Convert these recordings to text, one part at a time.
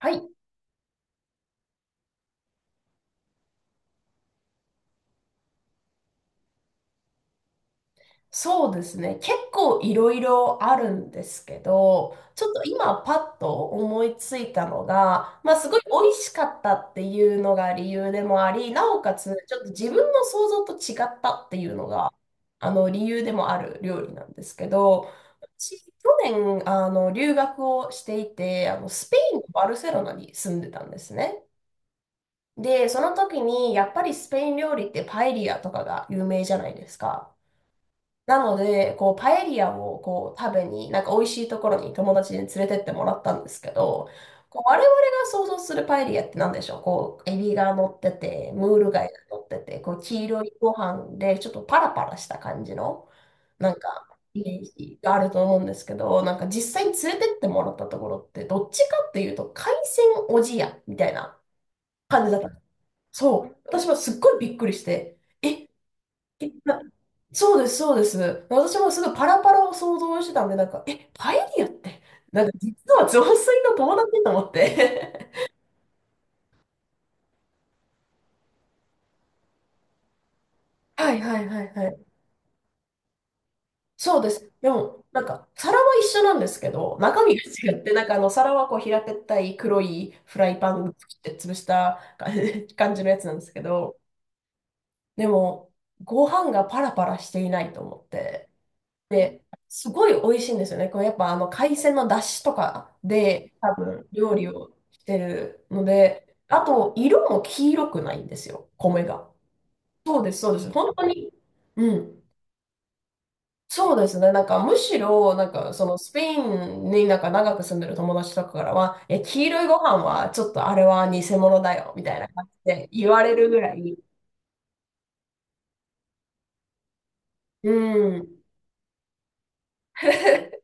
はい、そうですね。結構いろいろあるんですけど、ちょっと今パッと思いついたのが、まあすごい美味しかったっていうのが理由でもあり、なおかつちょっと自分の想像と違ったっていうのが、あの理由でもある料理なんですけど、私、去年、留学をしていて、スペインのバルセロナに住んでたんですね。で、その時に、やっぱりスペイン料理ってパエリアとかが有名じゃないですか。なので、こう、パエリアをこう食べに、なんか美味しいところに友達に連れてってもらったんですけど、こう我々が想像するパエリアって何でしょう、こう、エビが乗ってて、ムール貝が乗ってて、こう、黄色いご飯で、ちょっとパラパラした感じの、なんか、イメージがあると思うんですけど、なんか実際に連れてってもらったところって、どっちかっていうと、海鮮おじやみたいな感じだった。そう。私はすっごいびっくりして、え。いや、そうです、そうです。私もすごいパラパラを想像してたんで、なんか、え、パエリアって、なんか実は雑炊の友達と思って。はいはいはいはい。そうです。でも、なんか、皿は一緒なんですけど、中身が違って、なんか皿はこう平べったい黒いフライパンって潰した感じ 感じのやつなんですけど、でも、ご飯がパラパラしていないと思って。で、すごい美味しいんですよね。これやっぱ海鮮の出汁とかで多分料理をしてるので、あと色も黄色くないんですよ、米が。そうです、そうです。本当に。うん。そうですね。なんかむしろ、なんかそのスペインになんか長く住んでる友達とかからは、え、黄色いご飯はちょっとあれは偽物だよ、みたいな感じで言われるぐらい。うん。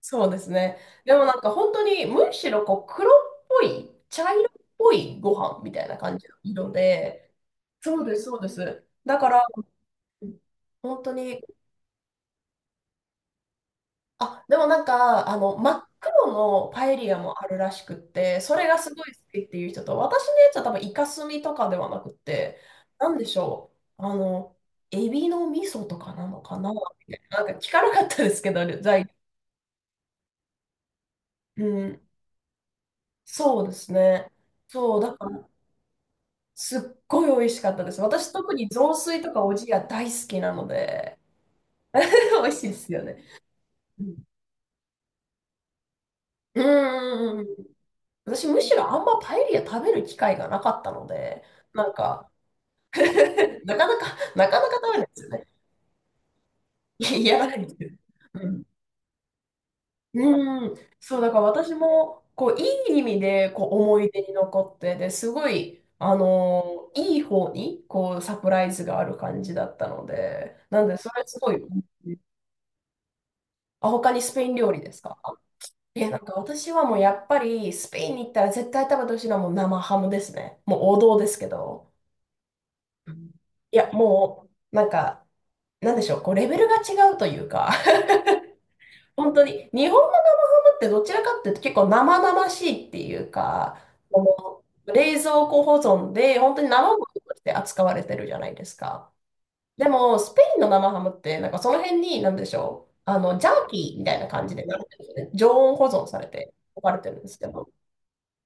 そうですね。でもなんか本当にむしろこう黒っぽい、茶色っぽいご飯みたいな感じの色で、そうです、そうです。だから、本当に、あ、でもなんか、真っ黒のパエリアもあるらしくって、それがすごい好きっていう人と、私のやつは多分イカスミとかではなくて、なんでしょう、エビの味噌とかなのかな、みたいな、なんか聞かなかったですけど、材料。うん、そうですね。そう、だからすっごい美味しかったです。私、特に雑炊とかおじや大好きなので、美味しいですよね。うん。うんうんうん。私、むしろあんまパエリア食べる機会がなかったので、なんか、なかなか、なかなか食べないですよね。いや、やらないんですよ。うん。うん。そう、だから私も、こう、いい意味で、こう、思い出に残って、で、すごい、いい方に、こう、サプライズがある感じだったので、なんで、それすごい、うん。あ、他にスペイン料理ですか？え、なんか私はもうやっぱりスペインに行ったら絶対食べてほしいのはもう生ハムですね。もう王道ですけど。うん。いや、もう、なんか、なんでしょう、こう、レベルが違うというか、本当に、日本の生ハムってどちらかっていうと結構生々しいっていうか、この冷蔵庫保存で、本当に生ものとして扱われてるじゃないですか。でも、スペインの生ハムって、なんかその辺に、なんでしょう、ジャーキーみたいな感じで、なんていうんですかね、常温保存されて置かれてるんですけど、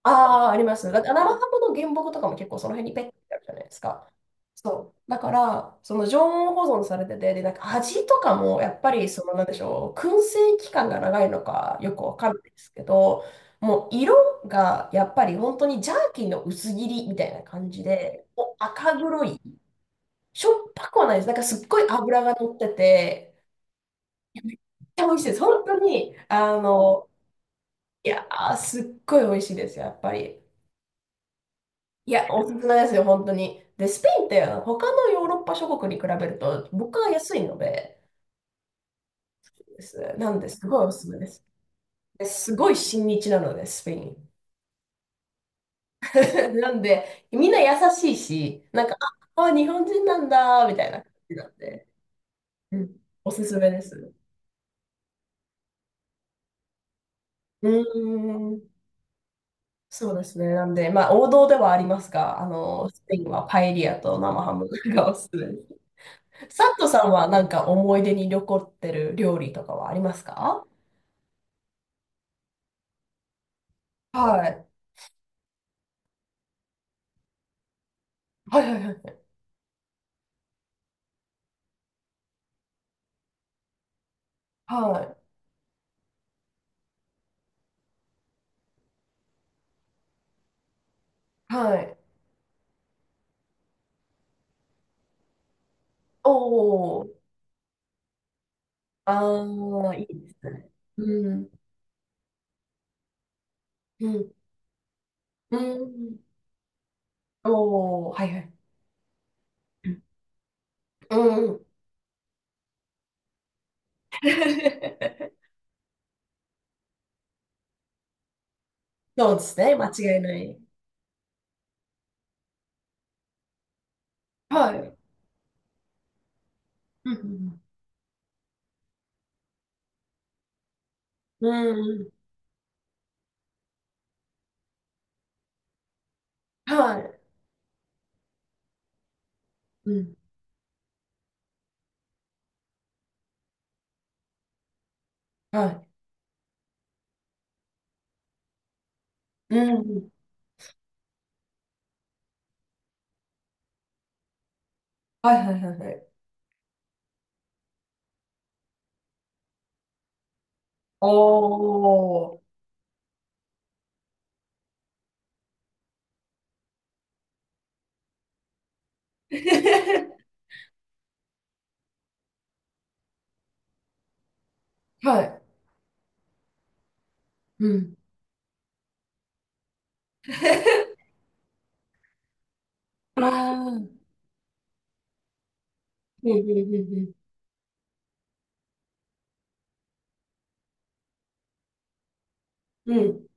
ああ、あります。だって生ハムの原木とかも結構その辺にペッてあるじゃないですか。そう。だから、その常温保存されてて、で、なんか味とかも、やっぱり、その、なんでしょう、燻製期間が長いのかよくわかるんないですけど、もう色がやっぱり本当にジャーキーの薄切りみたいな感じで、もう赤黒い。しょっぱくはないです。なんかすっごい脂が乗ってて、いやめっちゃ美味しいです。本当に、いやー、すっごい美味しいですよ、やっぱり。いや、おすすめですよ、本当に。で、スペインって他のヨーロッパ諸国に比べると物価が安いので、なんで、すごいおすすめです。で、すごい親日なので、スペイン。なんで、みんな優しいし、なんか、あ、あ日本人なんだ、みたいな感じなんで、うん、おすすめです。うーん。そうですね。なんで、まあ、王道ではありますが、スペインはパエリアと生ハムがおすすめです。サットさんはなんか思い出に残ってる料理とかはありますか？はい。はいはいはい。はい。はい。おー。ああ、いいですね。うん。うん。うん。おー。はいはい。うん。そうですね。間違いない。はい。うん。うん。うん。はい。うん。はい。うん。はいはいはいはい。おー。はい。うん。ああ、うんうんうんうん。うん。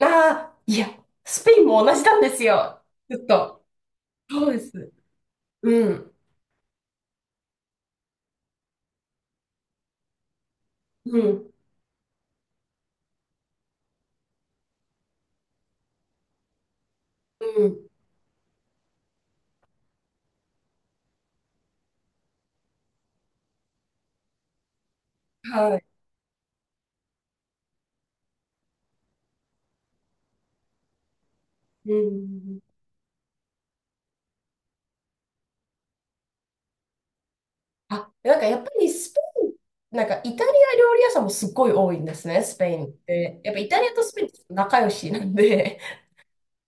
ああ、いや、スペインも同じなんですよ。ずっと。そうです。うん。うん。うん。はい。うん。あ、なんかやっぱりスペイン、なんかイタリア料理屋さんもすっごい多いんですね、スペインって。やっぱイタリアとスペインって仲良しなんで、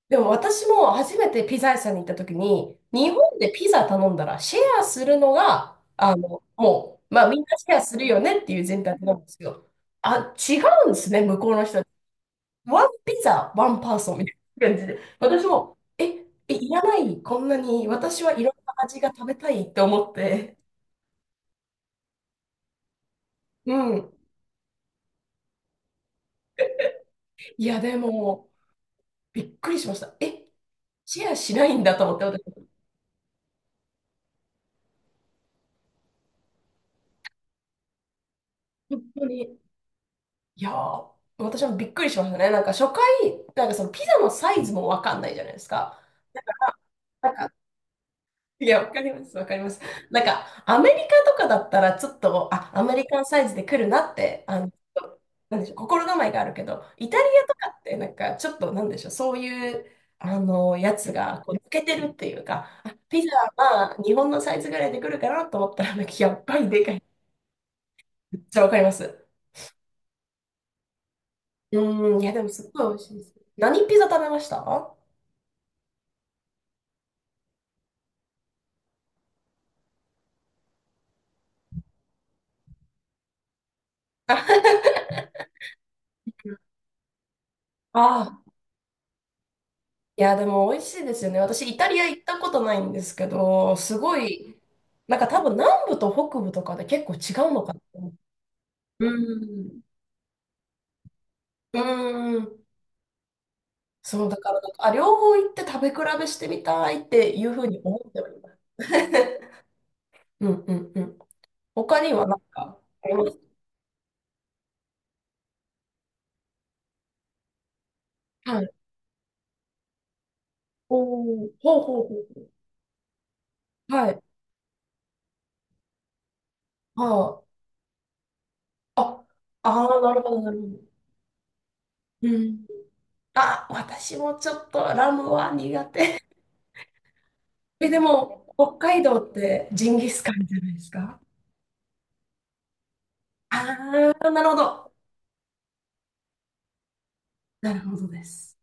でも私も初めてピザ屋さんに行った時に、日本でピザ頼んだらシェアするのが、もう、まあみんなシェアするよねっていう前提なんですよ。あ、違うんですね、向こうの人。ワンピザ、ワンパーソンみたいな感じで。私も、え、いらない、こんなに、私はいろんな味が食べたいって思って。うん。いや、でも、びっくりしました。え、シェアしないんだと思って、私、本当に。いやー、私もびっくりしましたね。なんか初回、なんかそのピザのサイズもわかんないじゃないですか。なんか、いや、わかります、わかります。なんか、アメリカとかだったら、ちょっと、あ、アメリカンサイズで来るなって、なんでしょう、心構えがあるけど、イタリアとかって、なんか、ちょっと、なんでしょう、そういう、やつが、こう、抜けてるっていうか、あ、ピザは、まあ、日本のサイズぐらいで来るかなと思ったら、なんか、やっぱりでかい。めっちゃわかります。うーん、いや、でも、すっごい美味しいです。何ピザ食べました？あああ、いや、でも美味しいですよね。私、イタリア行ったことないんですけど、すごい、なんか多分南部と北部とかで結構違うのかなと思って。うん。うーん。そう、だからなんか、あ、両方行って食べ比べしてみたいっていうふうに思っております。うんうんうん。他にはなんかあります？はい。おお、ほうほうほう。はい。ああ、ああー、なるほど、なるほど。うん。あ、私もちょっとラムは苦手。え、でも、北海道ってジンギスカンじゃないですか？ああー、なるほど。なるほどです。